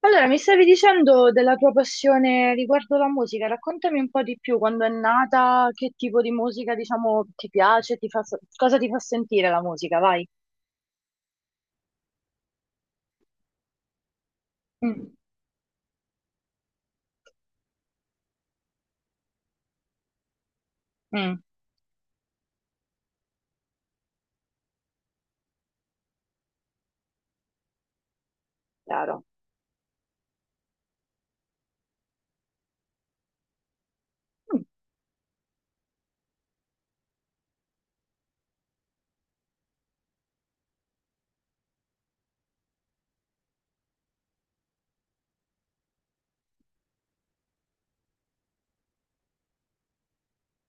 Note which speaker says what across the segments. Speaker 1: Allora, mi stavi dicendo della tua passione riguardo la musica, raccontami un po' di più, quando è nata, che tipo di musica, diciamo, ti piace, ti fa, cosa ti fa sentire la musica, vai. Mm, mm, chiaro. Mm.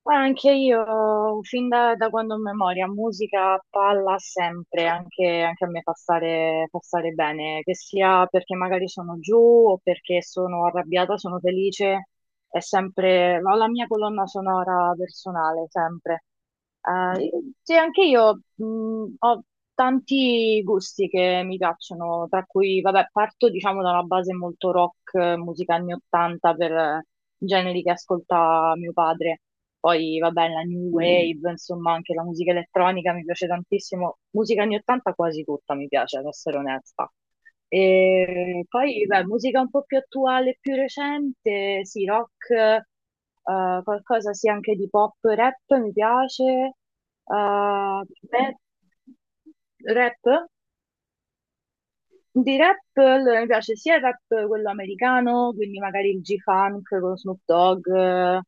Speaker 1: Guarda, anche io, fin da quando ho memoria, musica, palla sempre, anche a me fa stare bene, che sia perché magari sono giù o perché sono arrabbiata, sono felice. È sempre, ho la mia colonna sonora personale, sempre. Eh, sì, anche io ho tanti gusti che mi piacciono, tra cui, vabbè, parto diciamo da una base molto rock, musica anni 80 per generi che ascolta mio padre. Poi, vabbè, la new wave, insomma, anche la musica elettronica mi piace tantissimo. Musica anni 80 quasi tutta mi piace, ad essere onesta. E poi, beh, musica un po' più attuale, più recente, sì, rock, qualcosa sì anche di pop, rap mi piace. Eh, me- rap? Di rap, allora mi piace sia il rap quello americano, quindi magari il G-Funk con Snoop Dogg,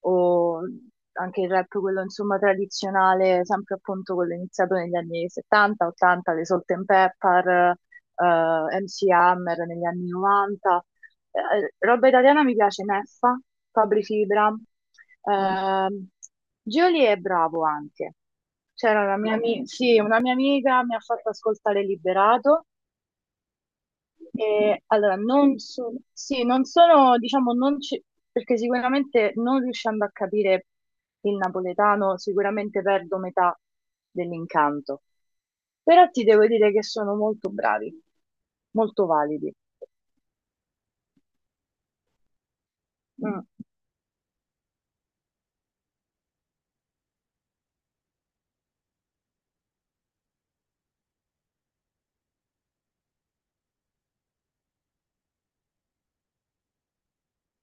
Speaker 1: o anche il rap quello insomma tradizionale, sempre appunto quello iniziato negli anni 70, 80, le Salt and Pepper, MC Hammer negli anni 90. Roba italiana mi piace Neffa, Fabri Fibra. Mm. ehm, Gioli è bravo anche. C'era una mia, sì, una mia amica mi ha fatto ascoltare Liberato e, allora, non sono, sì, non sono, diciamo, non ci- perché sicuramente non riuscendo a capire il napoletano, sicuramente perdo metà dell'incanto. Però ti devo dire che sono molto bravi, molto validi. Mm.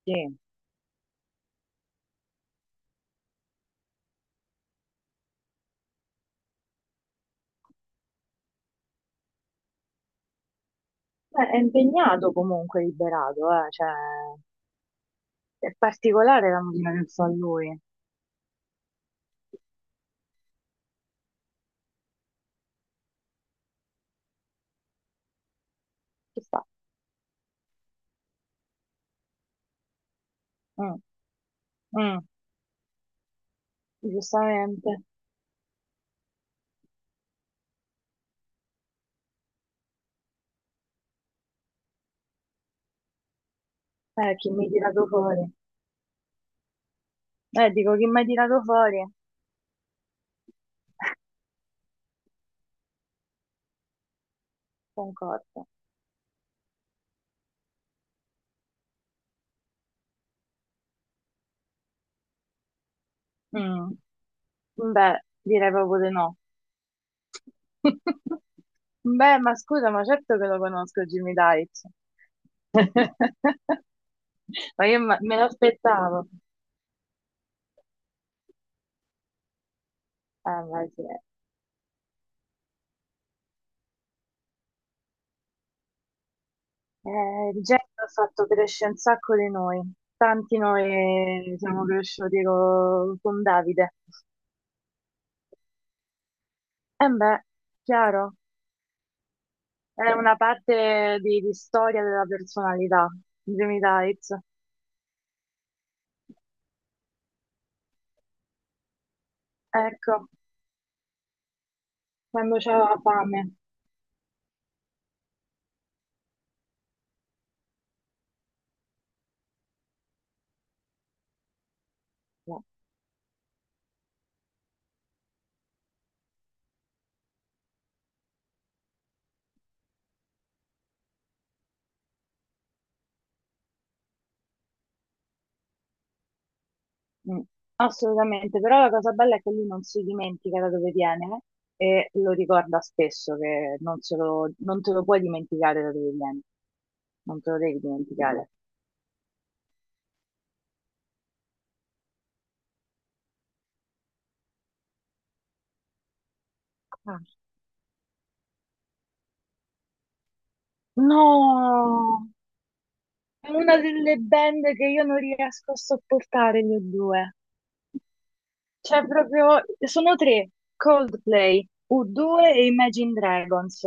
Speaker 1: Sì. Beh, è impegnato comunque, liberato, cioè, è particolare la musica che fa lui. Ci sta. Mm, mm, giustamente. Chi mi ha tirato fuori? Dico, chi mi ha tirato fuori? Concordo. Mm, beh, direi proprio di no. Beh, ma scusa, ma certo che lo conosco Jimmy Dice. Ma io me l'aspettavo. Ma sì. Il genere ha fatto crescere un sacco di noi. Tanti noi siamo cresciuti con Davide. E beh, chiaro, è una parte di storia della personalità, Jimmy Dice. Ecco, quando c'aveva fame. Mm, assolutamente, però la cosa bella è che lui non si dimentica da dove viene e lo ricorda spesso che non te lo puoi dimenticare da dove vieni, non te lo devi dimenticare. Ah, no, è una delle band che io non riesco a sopportare, gli U due. Cioè proprio, sono tre, Coldplay, U2 e Imagine Dragons.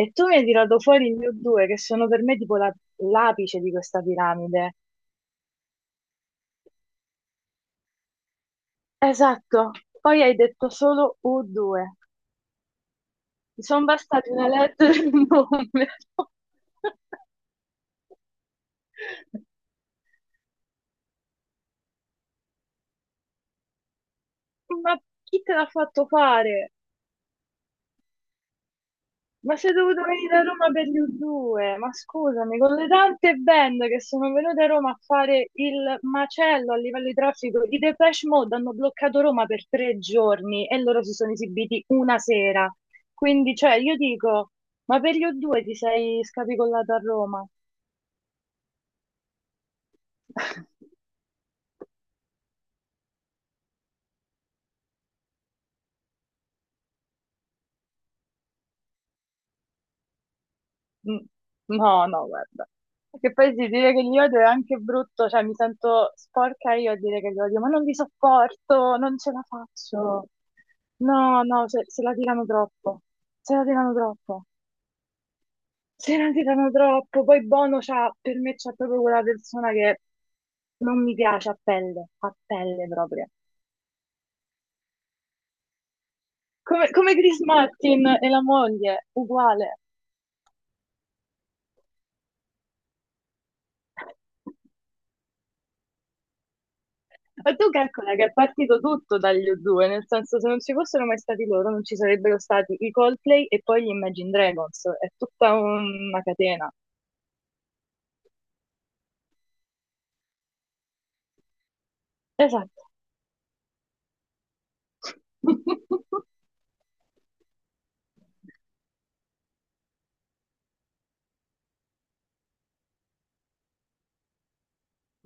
Speaker 1: E tu mi hai tirato fuori gli U2 che sono per me tipo l'apice di questa piramide. Esatto, poi hai detto solo U2. Mi sono bastati una lettera e un numero. Ma chi te l'ha fatto fare? Ma sei dovuto venire a Roma per gli U2? Ma scusami, con le tante band che sono venute a Roma a fare il macello a livello di traffico, i Depeche Mode hanno bloccato Roma per 3 giorni e loro si sono esibiti una sera. Quindi, cioè, io dico, ma per gli U2 ti sei scapicollato a Roma? Mm, no, no, guarda. Che poi sì, dire che li odio è anche brutto, cioè mi sento sporca io a dire che li odio, ma non li sopporto, non ce la faccio. No, no, se la tirano troppo, se la tirano troppo, se la tirano troppo. Poi Bono c'ha, per me c'è proprio quella persona che non mi piace a pelle proprio. Come Chris Martin e la moglie, uguale. Ma tu calcola che è partito tutto dagli U2, nel senso se non ci fossero mai stati loro non ci sarebbero stati i Coldplay e poi gli Imagine Dragons, è tutta una catena. Esatto.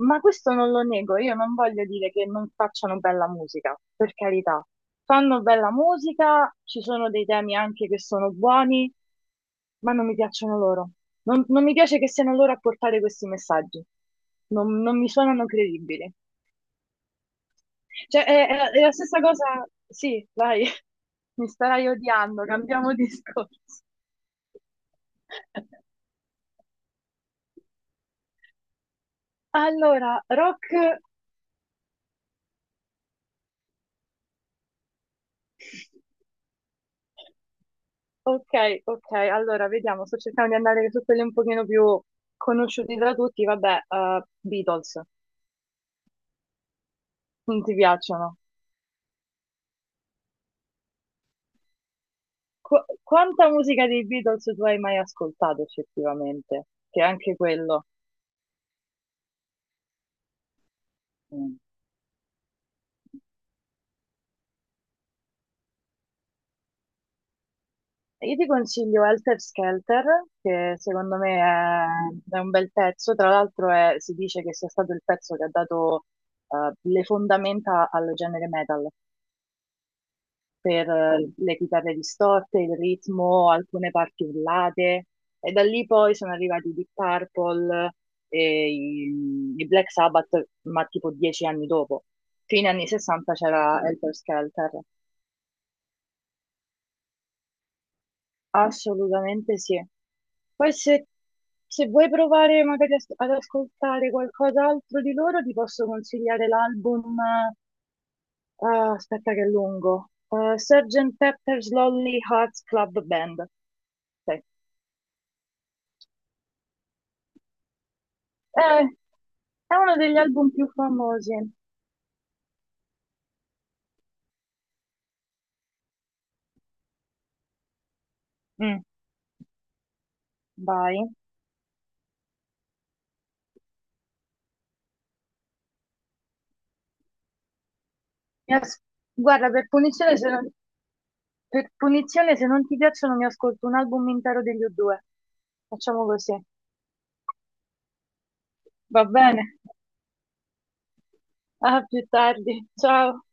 Speaker 1: Ma questo non lo nego, io non voglio dire che non facciano bella musica, per carità. Fanno bella musica, ci sono dei temi anche che sono buoni, ma non mi piacciono loro. Non mi piace che siano loro a portare questi messaggi. Non mi suonano credibili. Cioè, è la è la stessa cosa. Sì, vai, mi starai odiando, cambiamo discorso. Allora, rock. Ok, ok, allora vediamo, sto cercando di andare su quelli un pochino più conosciuti da tutti, vabbè, Beatles, non ti piacciono? Quanta musica dei Beatles tu hai mai ascoltato effettivamente? Che anche quello. Mm. Io ti consiglio Helter Skelter, che secondo me è un bel pezzo, tra l'altro si dice che sia stato il pezzo che ha dato le fondamenta al genere metal, per le chitarre distorte, il ritmo, alcune parti urlate, e da lì poi sono arrivati i Deep Purple e i Black Sabbath, ma tipo 10 anni dopo. Fine anni 60 c'era Helter Skelter. Assolutamente sì. Poi se vuoi provare magari ad ascoltare qualcos'altro di loro, ti posso consigliare l'album, eh, aspetta che è lungo, Sgt. Pepper's Lonely Hearts Club Band. Sì. È uno degli album più famosi. Mm, vai. Mi as- Guarda, per punizione, se non... ti piacciono, mi ascolto un album intero degli U2. Facciamo così. Va bene. A più tardi. Ciao.